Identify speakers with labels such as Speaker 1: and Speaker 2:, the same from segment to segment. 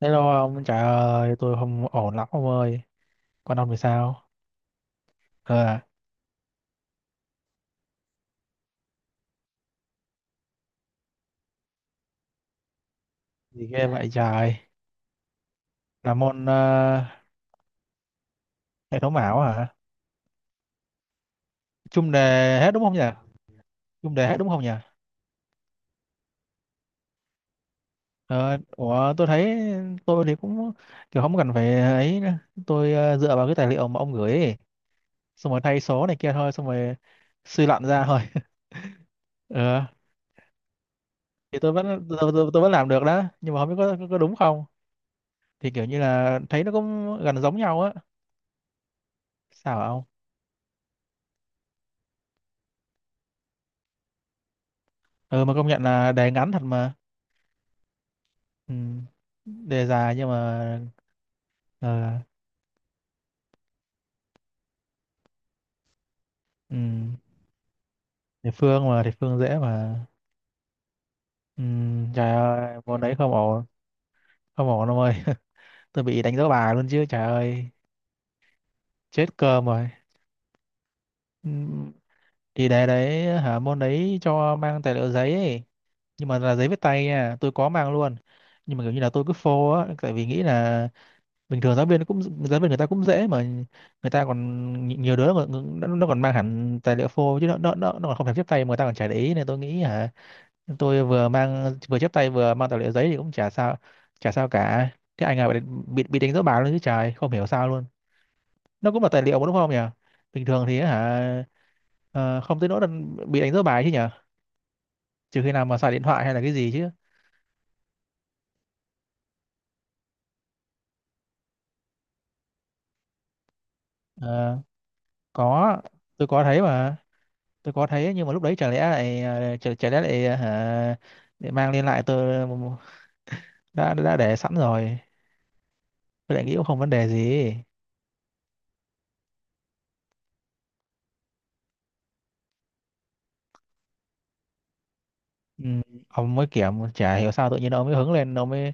Speaker 1: Hello ông, trời ơi, tôi không ổn lắm ông ơi. Con ông thì sao? Ờ, gì ghê vậy trời? Là môn hệ thống ảo hả? Chung đề hết đúng không nhỉ? Chung đề hết đúng không nhỉ? Ờ, ủa, tôi thấy tôi thì cũng kiểu không cần phải ấy nữa. Tôi dựa vào cái tài liệu mà ông gửi ấy. Xong rồi thay số này kia thôi, xong rồi suy luận ra thôi. Ờ, thì tôi vẫn làm được đó, nhưng mà không biết có đúng không? Thì kiểu như là thấy nó cũng gần giống nhau á. Sao hả ông? Ừ mà công nhận là đề ngắn thật mà. Ừ. Đề dài nhưng mà ờ, ừ, địa phương mà địa phương dễ mà. Ừ, trời ơi môn đấy không ổn, không ổn đâu ơi. Tôi bị đánh dấu bài luôn chứ trời ơi, chết cơm rồi. Ừ, thì đề đấy hả môn đấy cho mang tài liệu giấy ấy, nhưng mà là giấy viết tay nha, tôi có mang luôn. Nhưng mà kiểu như là tôi cứ phô á, tại vì nghĩ là bình thường giáo viên cũng giáo viên người ta cũng dễ mà, người ta còn nhiều đứa mà nó còn mang hẳn tài liệu phô chứ nó còn không thèm viết tay mà người ta còn chả để ý, nên tôi nghĩ hả tôi vừa mang vừa chép tay vừa mang tài liệu giấy thì cũng chả sao, chả sao cả. Thế anh bị bị đánh dấu báo luôn chứ trời, không hiểu sao luôn. Nó cũng là tài liệu mà đúng không nhỉ, bình thường thì á hả, không tới nỗi là bị đánh dấu bài chứ nhỉ, trừ khi nào mà xài điện thoại hay là cái gì chứ. Ờ, có, tôi có thấy mà, tôi có thấy nhưng mà lúc đấy chả lẽ lại chả lẽ lại hả, để mang lên lại tôi đã để sẵn rồi, tôi lại nghĩ cũng không vấn đề gì. Ừ, ông mới kiểm chả hiểu sao tự nhiên ông mới hứng lên ông mới,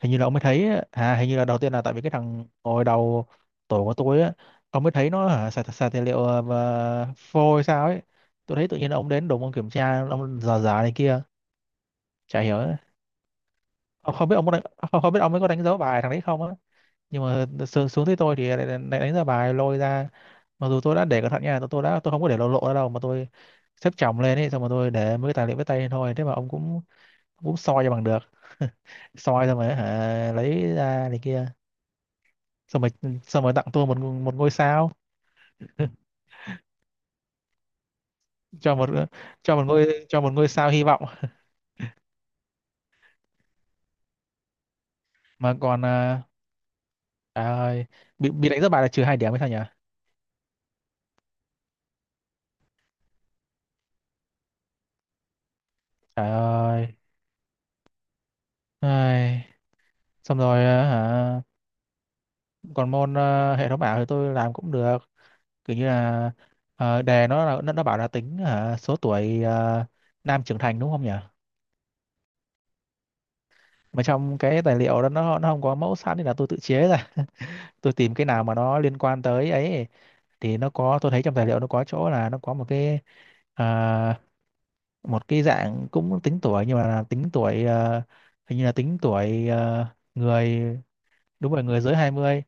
Speaker 1: hình như là ông mới thấy á, à hình như là đầu tiên là tại vì cái thằng ngồi đầu tổ của tôi á, ông mới thấy nó hả xài tài liệu và phôi hay sao ấy. Tôi thấy tự nhiên ông đến đồn ông kiểm tra ông dò dò này kia, chả hiểu á. Ông không biết không, không biết ông mới có đánh dấu bài thằng đấy không á, nhưng mà xuống tới tôi thì lại đánh dấu bài lôi ra. Mặc dù tôi đã để cẩn thận nha, tôi đã không có để lộ lộ ra đâu mà tôi xếp chồng lên ấy, xong mà tôi để mấy cái tài liệu với tay lên thôi, thế mà ông cũng cũng soi cho bằng được. Soi xong rồi hả, lấy ra này kia, xong rồi, xong rồi tặng tôi một, một ngôi sao, cho một, cho một ngôi, cho một ngôi sao hy vọng. Mà còn trời ơi, bị đánh rất bài là trừ 2 điểm hay sao nhỉ, trời ơi. Ai, xong rồi hả? Còn môn hệ thống ảo thì tôi làm cũng được, kiểu như là đề nó là nó bảo là tính hả số tuổi nam trưởng thành đúng không nhỉ. Mà trong cái tài liệu đó nó không có mẫu sẵn nên là tôi tự chế ra. Tôi tìm cái nào mà nó liên quan tới ấy, thì nó có, tôi thấy trong tài liệu nó có chỗ là nó có một cái à, một cái dạng cũng tính tuổi, nhưng mà là tính tuổi hình như là tính tuổi người, đúng rồi người dưới 20.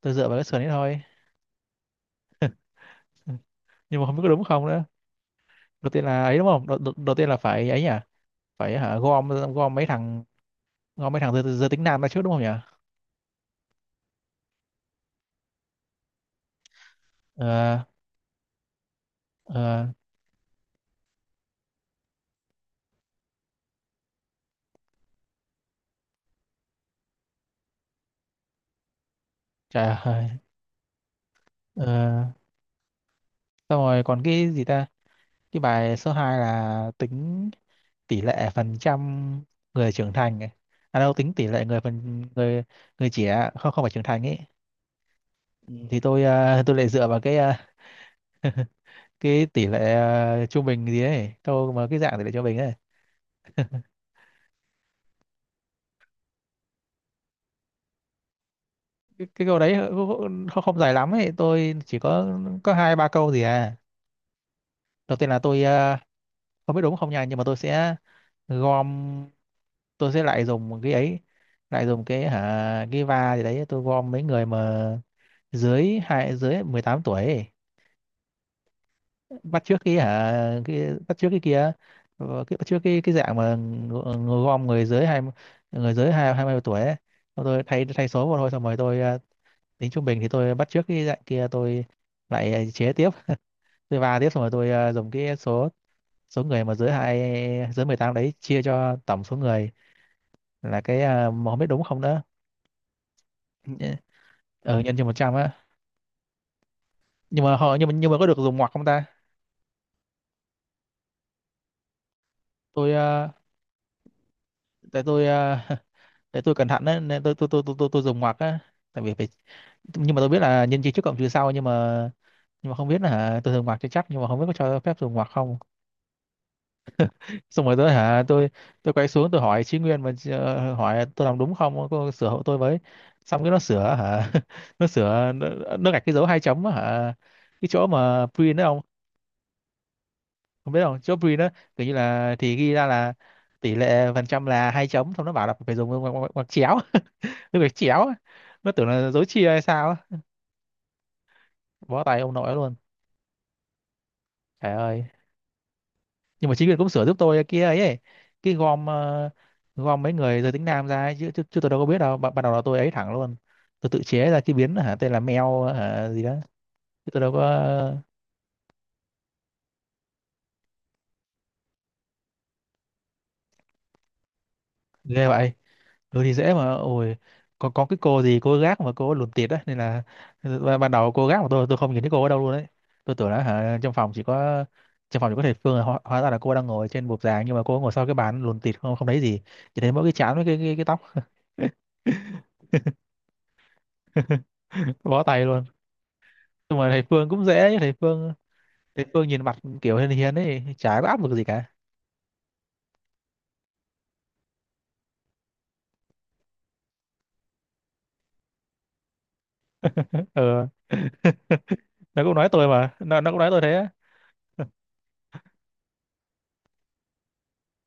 Speaker 1: Tôi dựa vào cái sườn ấy thôi. Ừ, nhưng mà không biết có đúng không nữa. Đầu tiên là ấy đúng không, đầu tiên là phải ấy nhỉ, phải hả gom, gom mấy thằng, gom mấy thằng giới tính nam ra trước đúng không nhỉ? Ờ, ờ, trời ơi. Ờ, xong rồi còn cái gì ta, cái bài số 2 là tính tỷ lệ phần trăm người trưởng thành ấy. À đâu, tính tỷ lệ người phần người, người trẻ không, không phải trưởng thành ấy. Ừ, thì tôi tôi lại dựa vào cái cái tỷ lệ trung bình gì ấy, câu mà cái dạng tỷ lệ trung bình ấy. Cái câu đấy không không dài lắm ấy, tôi chỉ có hai ba câu gì à. Đầu tiên là tôi không biết đúng không nha, nhưng mà tôi sẽ gom, tôi sẽ lại dùng một cái ấy, lại dùng cái hả cái va gì đấy, tôi gom mấy người mà dưới 18 tuổi ấy. Bắt chước cái hả, cái bắt chước cái kia, cái bắt chước cái dạng mà gom người dưới hai 20 tuổi ấy. Xong tôi thay thay số vào thôi, xong rồi tôi tính trung bình thì tôi bắt chước cái dạng kia, tôi lại chế tiếp, tôi va tiếp, xong rồi tôi dùng cái số, số người mà dưới 18 đấy chia cho tổng số người, là cái mà không biết đúng không nữa. Ở nhân cho 100 á. Nhưng mà họ, nhưng mà có được dùng ngoặc không ta. Tôi tại tôi để tôi cẩn thận đấy nên tôi dùng ngoặc á, tại vì phải, nhưng mà tôi biết là nhân chia trước cộng trừ sau, nhưng mà không biết là hả tôi dùng ngoặc cho chắc nhưng mà không biết có cho phép dùng ngoặc không. Xong rồi tôi tôi quay xuống tôi hỏi Chí Nguyên mà hỏi tôi làm đúng không cô sửa hộ tôi với. Xong cái nó sửa hả, nó sửa nó, nó gạch cái dấu hai chấm á hả, cái chỗ mà print đó không, không biết không chỗ print đó. Kiểu như là thì ghi ra là tỷ lệ phần trăm là hai chấm, xong nó bảo là phải dùng ngoặc chéo. Tôi phải chéo á, nó tưởng là dấu chia hay sao á, bó tay ông nội luôn. Trời ơi, nhưng mà chính quyền cũng sửa giúp tôi kia ấy, ấy. Cái gom gom mấy người giới tính nam ra ấy, chứ tôi đâu có biết đâu, ban ban đầu là tôi ấy thẳng luôn. Tôi tự chế ra cái biến hả tên là mèo hả gì đó, chứ tôi đâu có. Ghê vậy. Ừ thì dễ mà ôi, có cái cô gì cô gác mà cô lùn tịt á, nên là ban ban đầu cô gác mà tôi không nhìn thấy cô ở đâu luôn đấy. Tôi tưởng là hả trong phòng chỉ có, trong phòng chỉ có thầy Phương, hóa ra là cô đang ngồi trên bục giảng nhưng mà cô ngồi sau cái bàn lùn tịt không không thấy gì, chỉ thấy mỗi cái trán với cái tóc. Bó tay luôn. Nhưng mà thầy Phương cũng dễ ấy, thầy Phương, thầy Phương nhìn mặt kiểu hiền hiền ấy chả có áp lực gì cả. Ờ, nó cũng nói tôi mà nó cũng nói tôi thế á.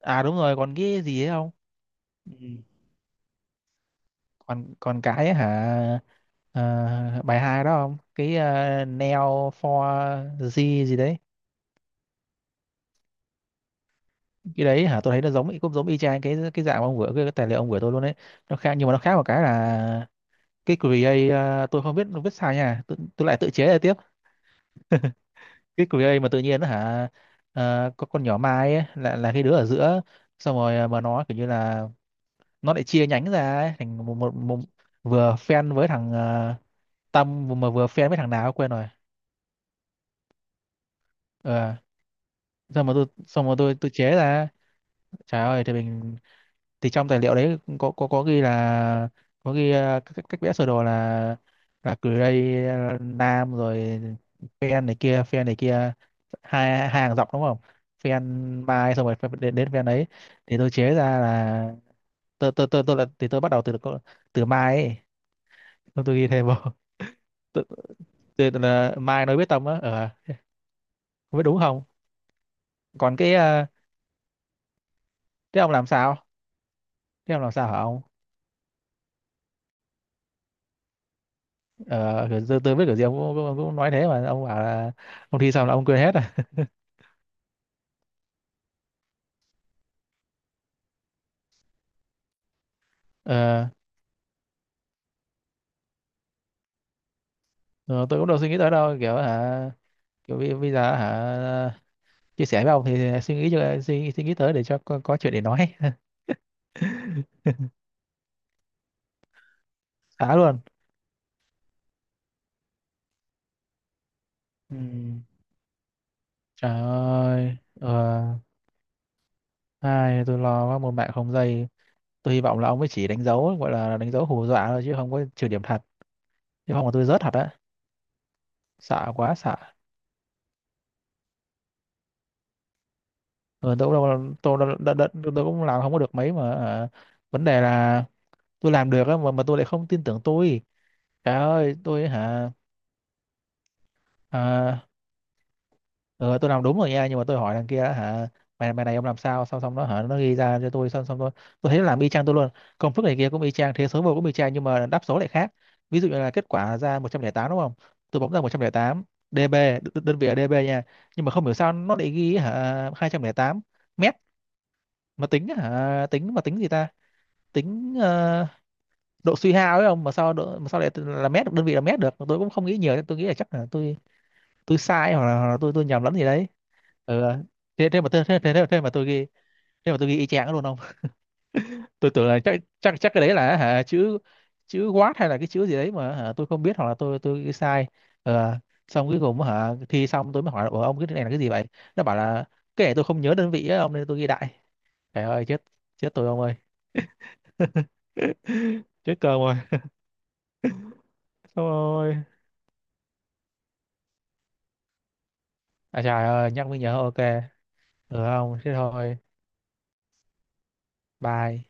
Speaker 1: À đúng rồi, còn cái gì ấy không? Ừ, còn còn cái ấy hả, bài hai đó không, cái Neo for G gì đấy. Cái đấy hả, tôi thấy nó giống cũng giống y chang cái dạng mà ông vừa cái tài liệu ông gửi tôi luôn đấy. Nó khác nhưng mà nó khác một cái là cái create tôi không biết nó viết sao nha, tôi lại tự chế ra tiếp. Cái create mà tự nhiên á hả, có con nhỏ Mai ấy, là cái đứa ở giữa. Xong rồi mà nó kiểu như là nó lại chia nhánh ra ấy, thành một vừa fan với thằng Tâm, mà vừa fan với thằng nào quên rồi. Ờ, xong mà tôi, xong mà tôi chế ra. Trời ơi thì mình, thì trong tài liệu đấy có có ghi là, có ghi các cách cách vẽ sơ đồ là gray nam rồi, phen này kia phen này kia, hai, hai hàng dọc đúng không, phen mai xong rồi phen đến, đến phen ấy. Thì tôi chế ra là tôi là thì tôi bắt đầu từ từ mai ấy, tôi ghi thêm vào. tôi, là mai nói biết tâm á. Ờ, không biết đúng không. Còn cái thế ông làm sao, thế ông làm sao hả ông? Ờ kiểu tôi biết kiểu gì ông cũng nói thế mà ông bảo là ông thi xong là ông quên hết. Ờ, ờ, tôi cũng đâu suy nghĩ tới đâu, kiểu hả, kiểu bây bây giờ hả, chia sẻ với ông thì suy nghĩ cho suy nghĩ tới để cho có chuyện để nói. Xả luôn. Ừm, trời ơi ai tôi lo quá một mạng không dây. Tôi hy vọng là ông ấy chỉ đánh dấu gọi là đánh dấu hù dọa thôi chứ không có trừ điểm thật, chứ không là tôi rớt thật á. Sợ quá sợ. Ờ, tôi cũng đâu tôi, đâu- đ, đ, tôi cũng làm không có được mấy mà hả? Vấn đề là tôi làm được á, mà tôi lại không tin tưởng tôi. Trời ơi tôi hả, à, ừ, tôi làm đúng rồi nha, nhưng mà tôi hỏi thằng kia đó, hả, mày mày này, ông làm sao, xong xong nó hả nó ghi ra cho tôi, xong xong tôi thấy nó làm y chang tôi luôn, công thức này kia cũng y chang, thế số vô cũng y chang, nhưng mà đáp số lại khác. Ví dụ như là kết quả ra 108 đúng không, tôi bấm ra 108, dB, đơn vị là dB nha, nhưng mà không hiểu sao nó lại ghi hả 208 mét. Mà tính hả, tính gì ta, tính độ suy hao ấy không, mà sao lại là mét, đơn vị là mét được, tôi cũng không nghĩ nhiều, tôi nghĩ là chắc là tôi sai, hoặc là, tôi nhầm lẫn gì đấy. Ừ, ừ. Thế thế mà thế thế thế, thế mà tôi ghi thế mà tôi ghi y chang luôn không. Tôi tưởng là chắc chắc chắc cái đấy là hả chữ, chữ watt hay là cái chữ gì đấy mà hả, tôi không biết, hoặc là tôi ghi sai. Ờ, xong cuối cùng hả thi xong tôi mới hỏi là, "Ủa, ông cái này là cái gì vậy?" Nó bảo là cái này tôi không nhớ đơn vị á ông, nên tôi ghi đại. Trời ơi chết, chết tôi ông ơi, chết cơm rồi. Thôi, à trời ơi nhắc mới nhớ, ok, được không, thế thôi bye.